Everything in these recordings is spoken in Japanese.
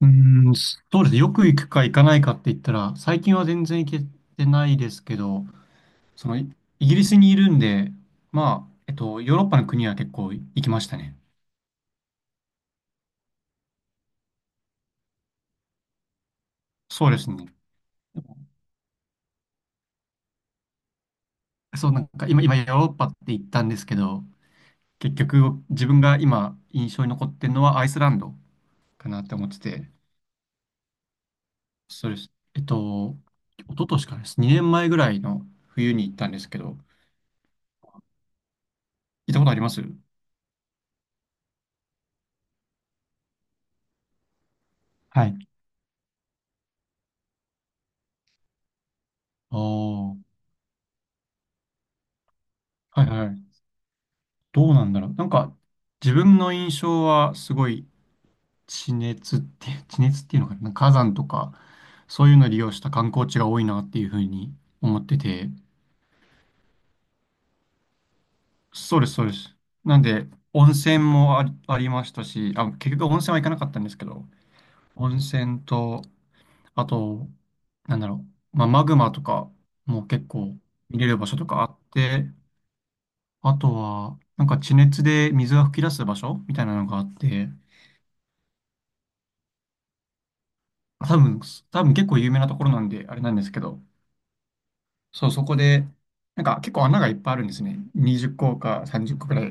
うーん、そうですね。よく行くか行かないかって言ったら、最近は全然行けてないですけど、イギリスにいるんで、まあ、ヨーロッパの国は結構行きましたね。そうですね。そう、なんか今ヨーロッパって言ったんですけど、結局自分が今印象に残ってるのはアイスランドかなって思ってて、そうです。一昨年からです。2年前ぐらいの冬に行ったんですけど、行ったことあります？はい。おー、はいはい。どうなんだろう。なんか、自分の印象はすごい地熱って、地熱っていうのかな、なんか火山とか、そういうのを利用した観光地が多いなっていうふうに思ってて、そうです、そうです。なんで、温泉もありましたし、あ、結局温泉は行かなかったんですけど、温泉と、あと、なんだろう、まあ、マグマとかも結構見れる場所とかあって、あとは、なんか地熱で水が噴き出す場所みたいなのがあって、多分、多分結構有名なところなんで、あれなんですけど、そう、そこで、なんか結構穴がいっぱいあるんですね。20個か30個くらい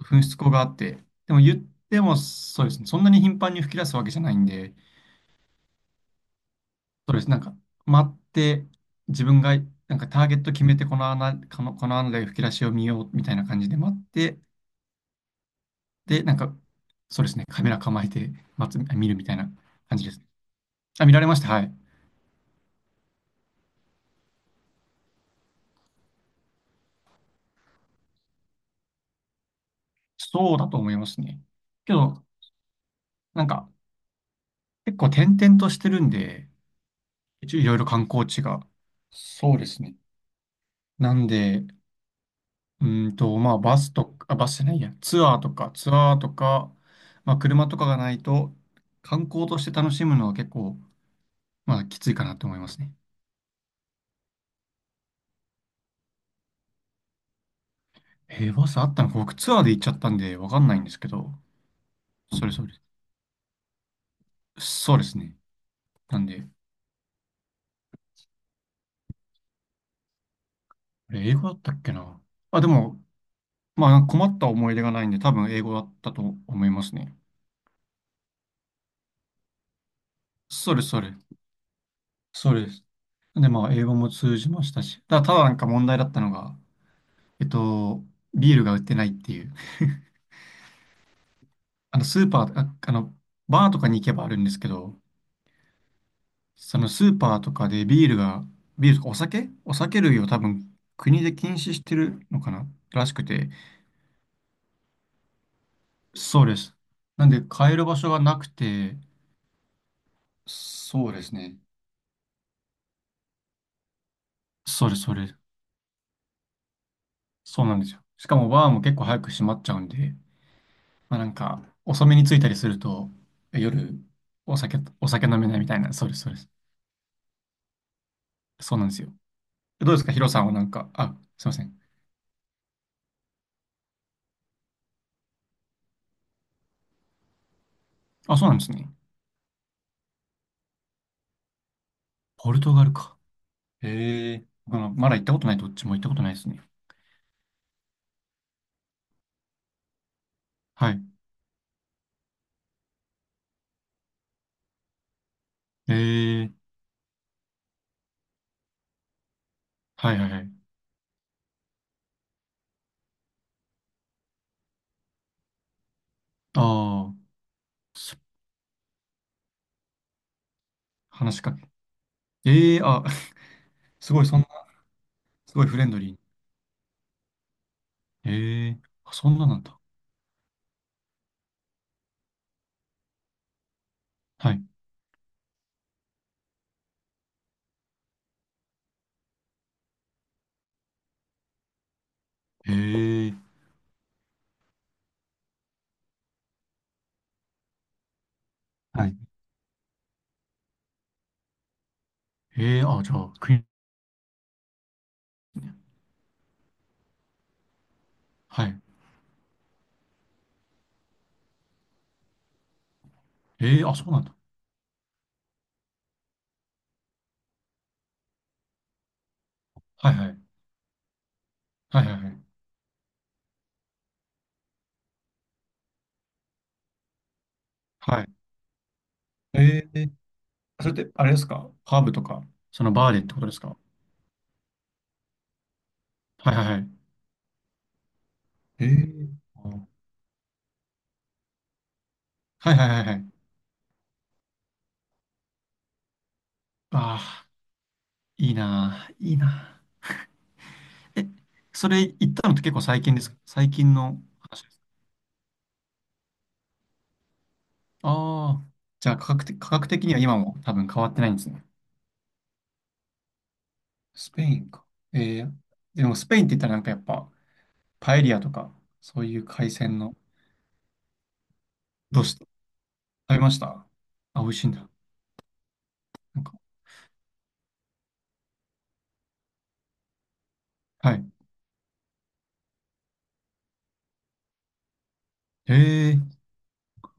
噴出口があって、でも言っても、そうですね、そんなに頻繁に噴き出すわけじゃないんで、そうです、なんか、待って、自分が、なんかターゲット決めて、この穴、この穴で吹き出しを見ようみたいな感じで待って、で、なんか、そうですね、カメラ構えて待つ、あ見るみたいな感じです。あ、見られました、はい。そうだと思いますね。けど、なんか、結構転々としてるんで、一応いろいろ観光地が。そうですね。なんで、まあバスとか、あバスじゃないや、ツアーとか、まあ車とかがないと、観光として楽しむのは結構、まあきついかなと思いますね。バスあったのか、僕ツアーで行っちゃったんでわかんないんですけど、それそれ。そうですね。なんで、あれ英語だったっけな。あ、でも、まあ困った思い出がないんで、多分英語だったと思いますね。それそれ。そうです。で、まあ、英語も通じましたし、ただなんか問題だったのが、えっと、ビールが売ってないっていう、スーパー、あ、バーとかに行けばあるんですけど、そのスーパーとかでビールが、ビールとかお酒お酒類を多分国で禁止してるのかならしくて、そうです。なんで、買える場所がなくて、そうですね。そうです、そうです。そうなんですよ。しかもバーも結構早く閉まっちゃうんで、まあなんか、遅めに着いたりすると、夜、お酒飲めないみたいな、そうです、そうです。そうなんですよ。どうですか、ヒロさんはなんか、あ、すいません。あ、そうなんですね。ポルトガルか。へえ、まだ行ったことない、どっちも行ったことないですね。はい。へえ、はいはいはい。ああ、す話しかけ。ええ、あ、すごい、そんな、すごいフレンドリー。へえ、あそんななんだ。はい。へえ、はい。へえ、あ、じゃあ、クイーン。はい。へえ、あ、そうなんだ。はいはい。はいはいはい。はい。えー、それってあれですか？ハーブとか、そのバーでってことですか？はいはいはい。えー、はいはいはいはい。ああ、いいなあ、いいなあ。え、それ行ったのって結構最近ですか？最近の話ですか？ああー、じゃあ価格的には今も多分変わってないんですね。スペインか。えー、でもスペインって言ったらなんかやっぱパエリアとか、そういう海鮮の、どうした、食べました？あ、美味しいんだ。なんか、はい。えー、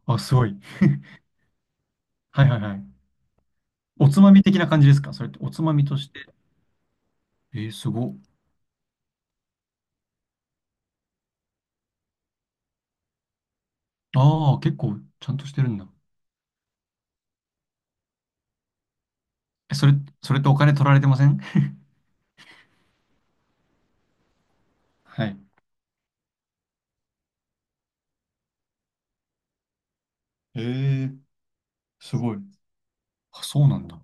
あ、すごい。はいはいはい。おつまみ的な感じですか？それっておつまみとして。すごっ。ああ、結構ちゃんとしてるんだ。え、それってお金取られてません？はい。えーすごい。あ、そうなんだ。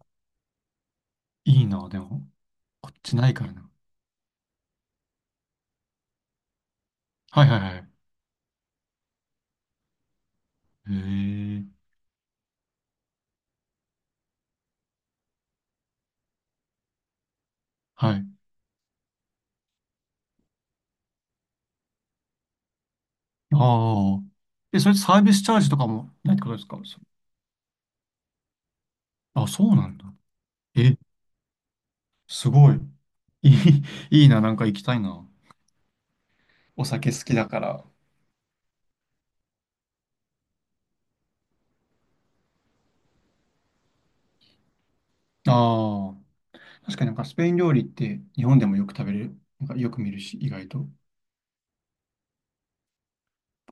いいな、でも。こっちないからな。はいはいはい。えーはい。ああ。え、それサービスチャージとかもないってことですか？あ、そうなんだ。え、すごい。いいいな、なんか行きたいな。お酒好きだから。ああ。確かになんかスペイン料理って日本でもよく食べれる、なんかよく見るし、意外と。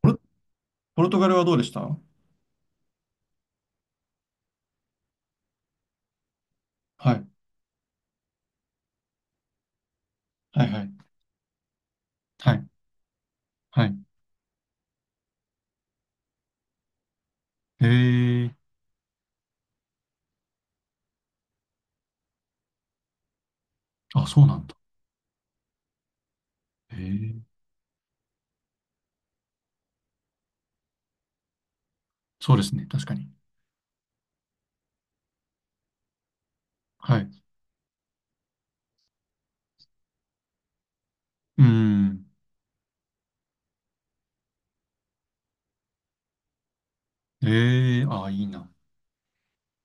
ポル、ポルトガルはどうでした？はい、はい、はい、はい、はい。へえ、あ、そうなんだ。へえ、そうですね、確かに。はい。うーん。へえ、あ、いいな。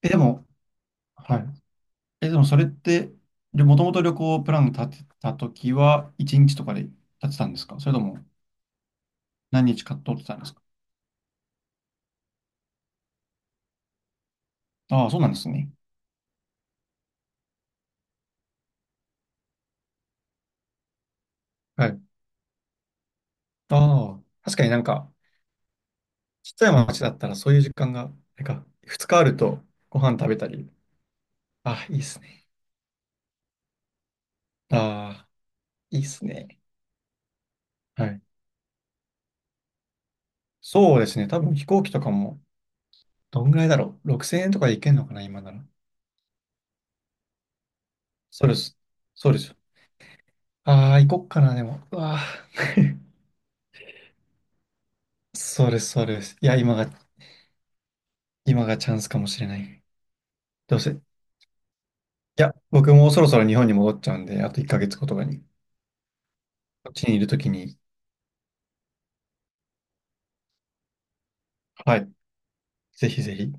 え、でも、はい。え、でもそれって、で、もともと旅行プラン立てたときは、1日とかで立てたんですか？それとも何日か取ってたんですか？ああ、そうなんですね。はい。ああ、確かになんか、ちっちゃい町だったらそういう時間が、なんか、2日あるとご飯食べたり、あ、いいっすね。ああ、いいっすね。はい。そうですね。多分飛行機とかも、どんぐらいだろう。6000円とかで行けんのかな、今なら。そうです。そうです。ああ、行こっかな、でも。うわあ。そうです、そうです。いや、今が、チャンスかもしれない。どうせ。いや、僕もうそろそろ日本に戻っちゃうんで、あと1ヶ月後とかに、こっちにいるときに、はい。ぜひぜひ。